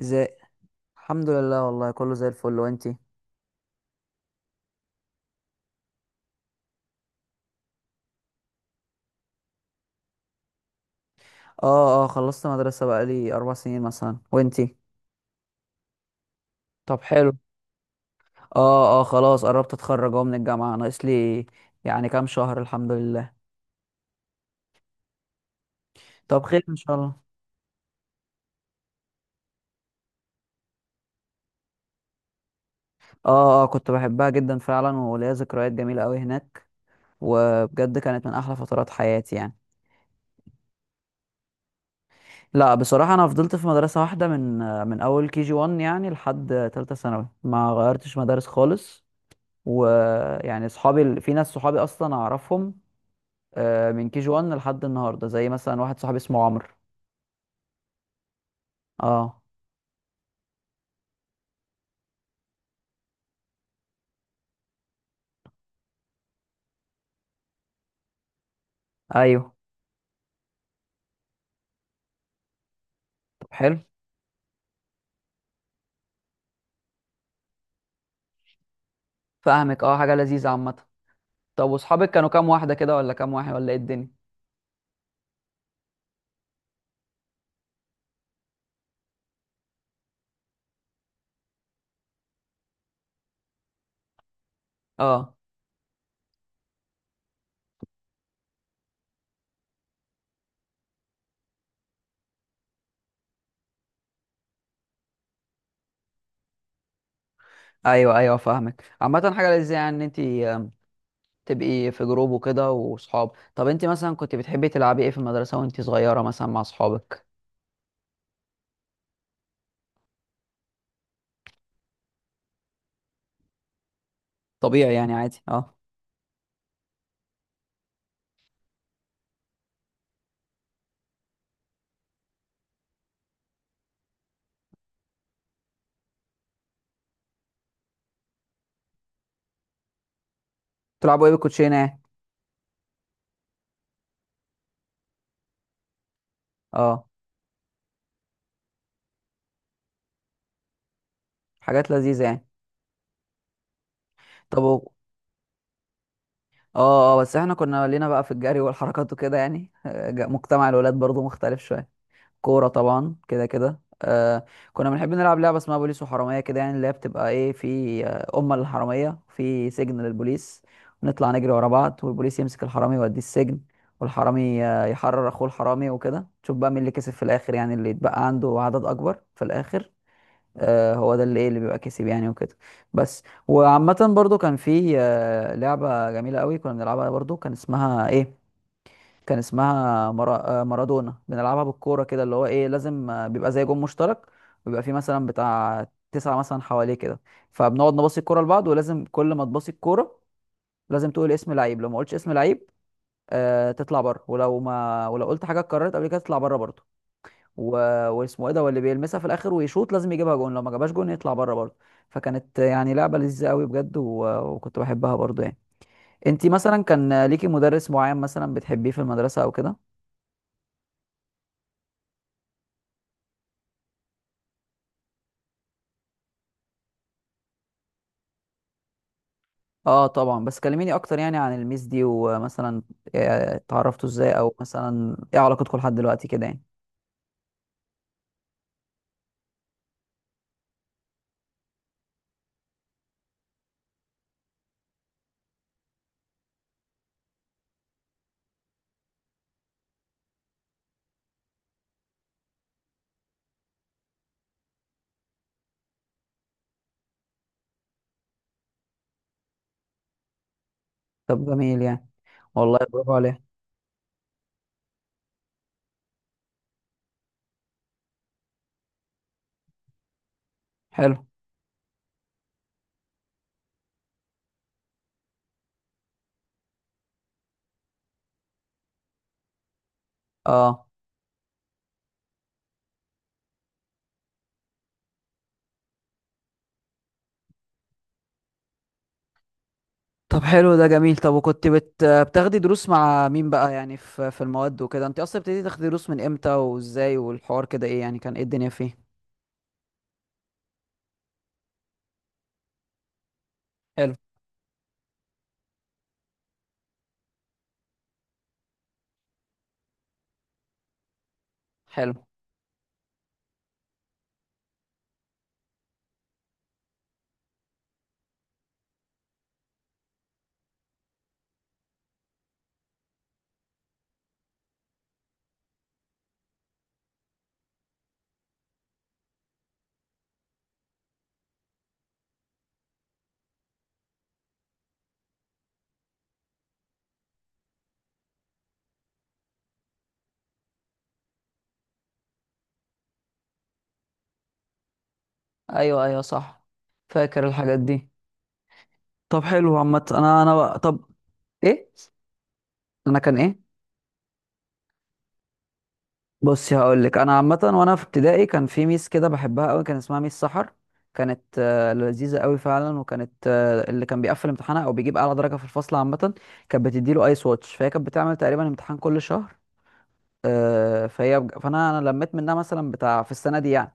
ازاي. الحمد لله، والله كله زي الفل. وانتي؟ اه اه، خلصت مدرسة بقالي 4 سنين مثلا. وانتي؟ طب حلو. اه اه، خلاص قربت اتخرج اهو من الجامعة، ناقص لي يعني كام شهر، الحمد لله. طب خير ان شاء الله. اه اه، كنت بحبها جدا فعلا وليا ذكريات جميلة قوي هناك، وبجد كانت من احلى فترات حياتي يعني. لا، بصراحة انا فضلت في مدرسة واحدة من اول كي جي 1 يعني لحد تالتة ثانوي، ما غيرتش مدارس خالص. ويعني في ناس صحابي اصلا اعرفهم من كي جي 1 لحد النهارده، زي مثلا واحد صاحبي اسمه عمرو. اه. ايوه. طب حلو. فاهمك، حاجه لذيذه عامه. طب، واصحابك كانوا كام واحده كده ولا كام واحد ولا ايه الدنيا؟ اه ايوه، فاهمك عامه، حاجه لذيذه يعني ان انت تبقي في جروب وكده واصحاب. طب انت مثلا كنت بتحبي تلعبي ايه في المدرسه وانت صغيره مثلا مع اصحابك؟ طبيعي يعني عادي، اه. تلعبوا ايه بالكوتشينه يعني؟ اه، حاجات لذيذه يعني. طب بس احنا كنا لينا بقى في الجري والحركات وكده يعني مجتمع الولاد برضو مختلف شويه. كورة طبعا كده كده. كنا بنحب نلعب لعبة اسمها بوليس وحرامية كده يعني، اللي هي بتبقى في أمة للحرامية في سجن للبوليس. ونطلع نجري ورا بعض، والبوليس يمسك الحرامي يوديه السجن، والحرامي يحرر أخوه الحرامي وكده، تشوف بقى مين اللي كسب في الآخر يعني، اللي يتبقى عنده عدد أكبر في الآخر. هو ده اللي اللي بيبقى كسب يعني وكده. بس وعامة برضو كان في لعبة جميلة قوي كنا بنلعبها برضو، كان اسمها ايه؟ كان اسمها مرا... آه، مارادونا. بنلعبها بالكوره كده، اللي هو لازم بيبقى زي جون مشترك. بيبقى فيه مثلا بتاع تسعة مثلا حواليه كده. فبنقعد نباصي الكوره لبعض، ولازم كل ما تباصي الكوره لازم تقول اسم لعيب. لو ما قلتش اسم لعيب تطلع بره، ولو ما ولو قلت حاجه اتكررت قبل كده تطلع بره برضه. و... واسمه ايه ده، واللي بيلمسها في الاخر ويشوط لازم يجيبها جون، لو ما جابهاش جون يطلع بره برضه. فكانت يعني لعبه لذيذه قوي بجد، وكنت بحبها برضه يعني. انتي مثلا كان ليكي مدرس معين مثلا بتحبيه في المدرسه او كده؟ اه طبعا، بس كلميني اكتر يعني عن الميس دي، ومثلا اتعرفتوا ازاي، او مثلا ايه علاقتكم لحد دلوقتي كده يعني. طب جميل يعني. والله برافو عليه. حلو. اه. طب حلو، ده جميل. طب وكنت بتاخدي دروس مع مين بقى يعني في المواد وكده؟ انت اصلا ابتديتي تاخدي دروس من امتى وازاي؟ والحوار كده ايه يعني، كان ايه الدنيا فيه؟ حلو. حلو. ايوه ايوه صح، فاكر الحاجات دي. طب حلو عامة. طب ايه، انا كان ايه؟ بصي هقول لك. انا عامه وانا في ابتدائي كان في ميس كده بحبها قوي، كان اسمها ميس سحر. كانت لذيذه قوي فعلا، وكانت اللي كان بيقفل امتحانها او بيجيب اعلى درجه في الفصل عامه كانت بتديله ايس واتش. فهي كانت بتعمل تقريبا امتحان كل شهر. فانا لميت منها مثلا بتاع في السنه دي يعني.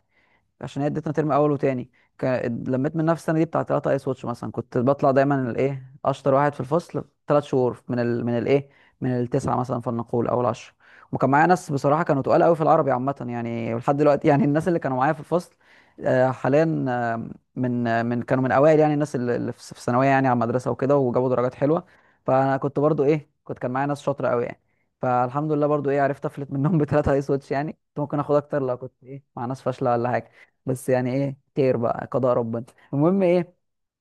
عشان هي ادتنا ترم اول وتاني. ك... لميت من نفس السنه دي بتاع 3 ايس واتش مثلا. كنت بطلع دايما اشطر واحد في الفصل 3 شهور من ال... من الايه من التسعه مثلا فلنقول او العشره. وكان معايا ناس بصراحه كانوا تقال قوي في العربي عامه يعني، ولحد دلوقتي يعني الناس اللي كانوا معايا في الفصل حاليا، من كانوا من اوائل يعني، الناس اللي في الثانويه يعني، على المدرسه وكده وجابوا درجات حلوه. فانا كنت برضو ايه كنت كان معايا ناس شاطره قوي يعني. فالحمد لله برضو عرفت افلت منهم ب3 ايس واتش يعني. كنت ممكن اخد اكتر لو كنت مع ناس فاشله ولا حاجه. بس يعني خير بقى قضاء ربنا. المهم.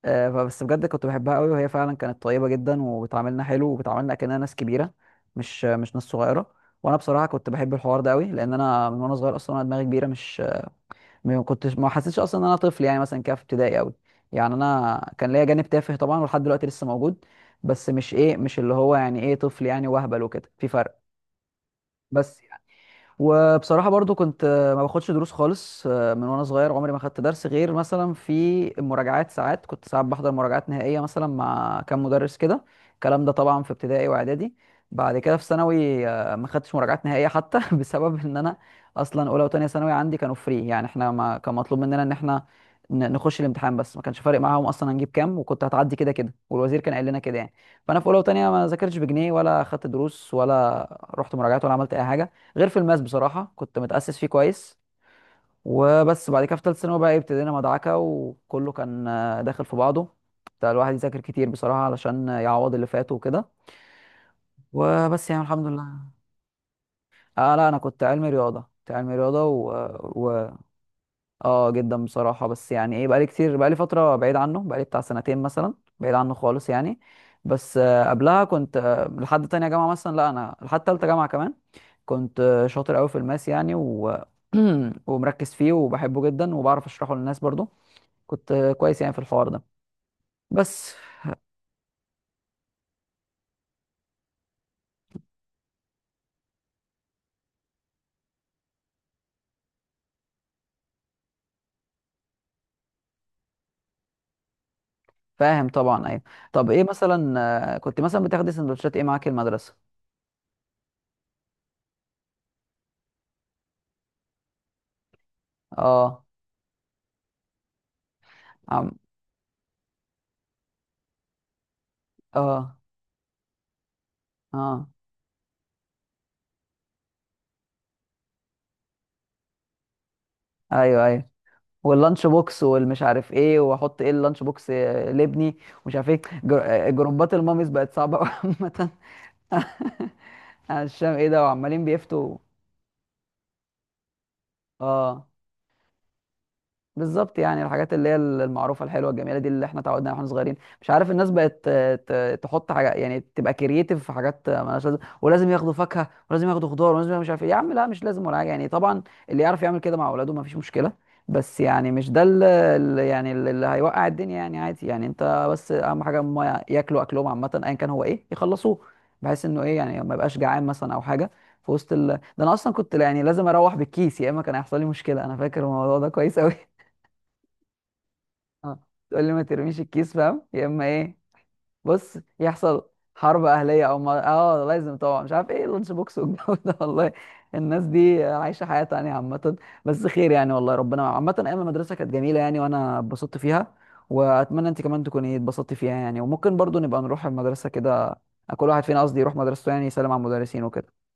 فبس بجد كنت بحبها قوي، وهي فعلا كانت طيبه جدا، وبتعاملنا حلو وبتعاملنا كأننا ناس كبيره، مش ناس صغيره. وانا بصراحه كنت بحب الحوار ده قوي، لان انا من وانا صغير اصلا انا دماغي كبيره، مش ما كنتش ما حسيتش اصلا ان انا طفل يعني، مثلا كده في ابتدائي قوي. يعني انا كان ليا جانب تافه طبعا ولحد دلوقتي لسه موجود. بس مش مش اللي هو يعني طفل يعني وهبل وكده، في فرق. بس. وبصراحة برضو كنت ما باخدش دروس خالص من وانا صغير، عمري ما خدت درس غير مثلا في المراجعات. ساعات كنت ساعات بحضر مراجعات نهائية مثلا مع كام مدرس كده، الكلام ده طبعا في ابتدائي واعدادي. بعد كده في ثانوي ما خدتش مراجعات نهائية حتى بسبب ان انا اصلا اولى وتانية ثانوي عندي كانوا فري، يعني احنا ما كان مطلوب مننا ان احنا نخش الامتحان، بس ما كانش فارق معاهم اصلا هنجيب كام، وكنت هتعدي كده كده، والوزير كان قال لنا كده يعني. فانا في اولى وتانية ما ذاكرتش بجنيه، ولا خدت دروس، ولا رحت مراجعات، ولا عملت اي حاجة، غير في الماس بصراحة كنت متأسس فيه كويس. وبس بعد كده في تالتة ثانوي بقى ابتدينا مدعكة، وكله كان داخل في بعضه، بتاع الواحد يذاكر كتير بصراحة علشان يعوض اللي فاته وكده. وبس يعني الحمد لله. لا أنا كنت علمي رياضة، كنت علمي رياضة. و... آه جدا بصراحة، بس يعني بقالي كتير، بقالي فترة بعيد عنه، بقالي بتاع سنتين مثلا بعيد عنه خالص يعني. بس قبلها كنت لحد تانية جامعة مثلا، لا أنا لحد تالتة جامعة كمان كنت شاطر قوي في الماس يعني. ومركز فيه وبحبه جدا، وبعرف اشرحه للناس برضو. كنت كويس يعني في الحوار ده. بس. فاهم طبعا، ايوه. طب ايه مثلا، كنت مثلا بتاخدي سندوتشات ايه معاكي المدرسه؟ اه. عم. اه اه ايوه ايوه. واللانش بوكس والمش عارف ايه، واحط ايه اللانش بوكس لابني، ومش عارف ايه جر... آه، جروبات الماميز بقت صعبه قوي عامه. عشان ايه ده، وعمالين بيفتوا. اه بالظبط، يعني الحاجات اللي هي المعروفه الحلوه الجميله دي اللي احنا تعودنا عليها واحنا صغيرين، مش عارف الناس بقت تحط حاجه، يعني تبقى كرييتيف في حاجات مالهاش لازمه، ولازم ياخدوا فاكهه ولازم ياخدوا خضار ولازم ياخدوا مش عارف ايه، يا عم لا مش لازم ولا حاجه يعني طبعا. اللي يعرف يعمل كده مع اولاده ما فيش مشكله، بس يعني مش ده اللي هيوقع الدنيا يعني، عادي يعني، انت بس اهم حاجه هم ياكلوا اكلهم عامه ايا كان هو يخلصوه بحيث انه يعني ما يبقاش جعان مثلا او حاجه. في وسط ده انا اصلا كنت يعني لازم اروح بالكيس، يا اما كان هيحصل لي مشكله، انا فاكر الموضوع ده كويس قوي. اه، تقول لي ما ترميش الكيس فاهم، يا اما ايه. بص يحصل حرب اهليه او ما... اه لازم طبعا مش عارف ايه اللانش بوكس والجو ده والله. الناس دي عايشه حياه تانية عامه. بس خير يعني والله، ربنا عامه ايام المدرسه كانت جميله يعني، وانا اتبسطت فيها، واتمنى انت كمان تكوني اتبسطتي فيها يعني، وممكن برضو نبقى نروح المدرسه كده، كل واحد فينا قصدي يروح مدرسته، يعني يسلم على المدرسين وكده.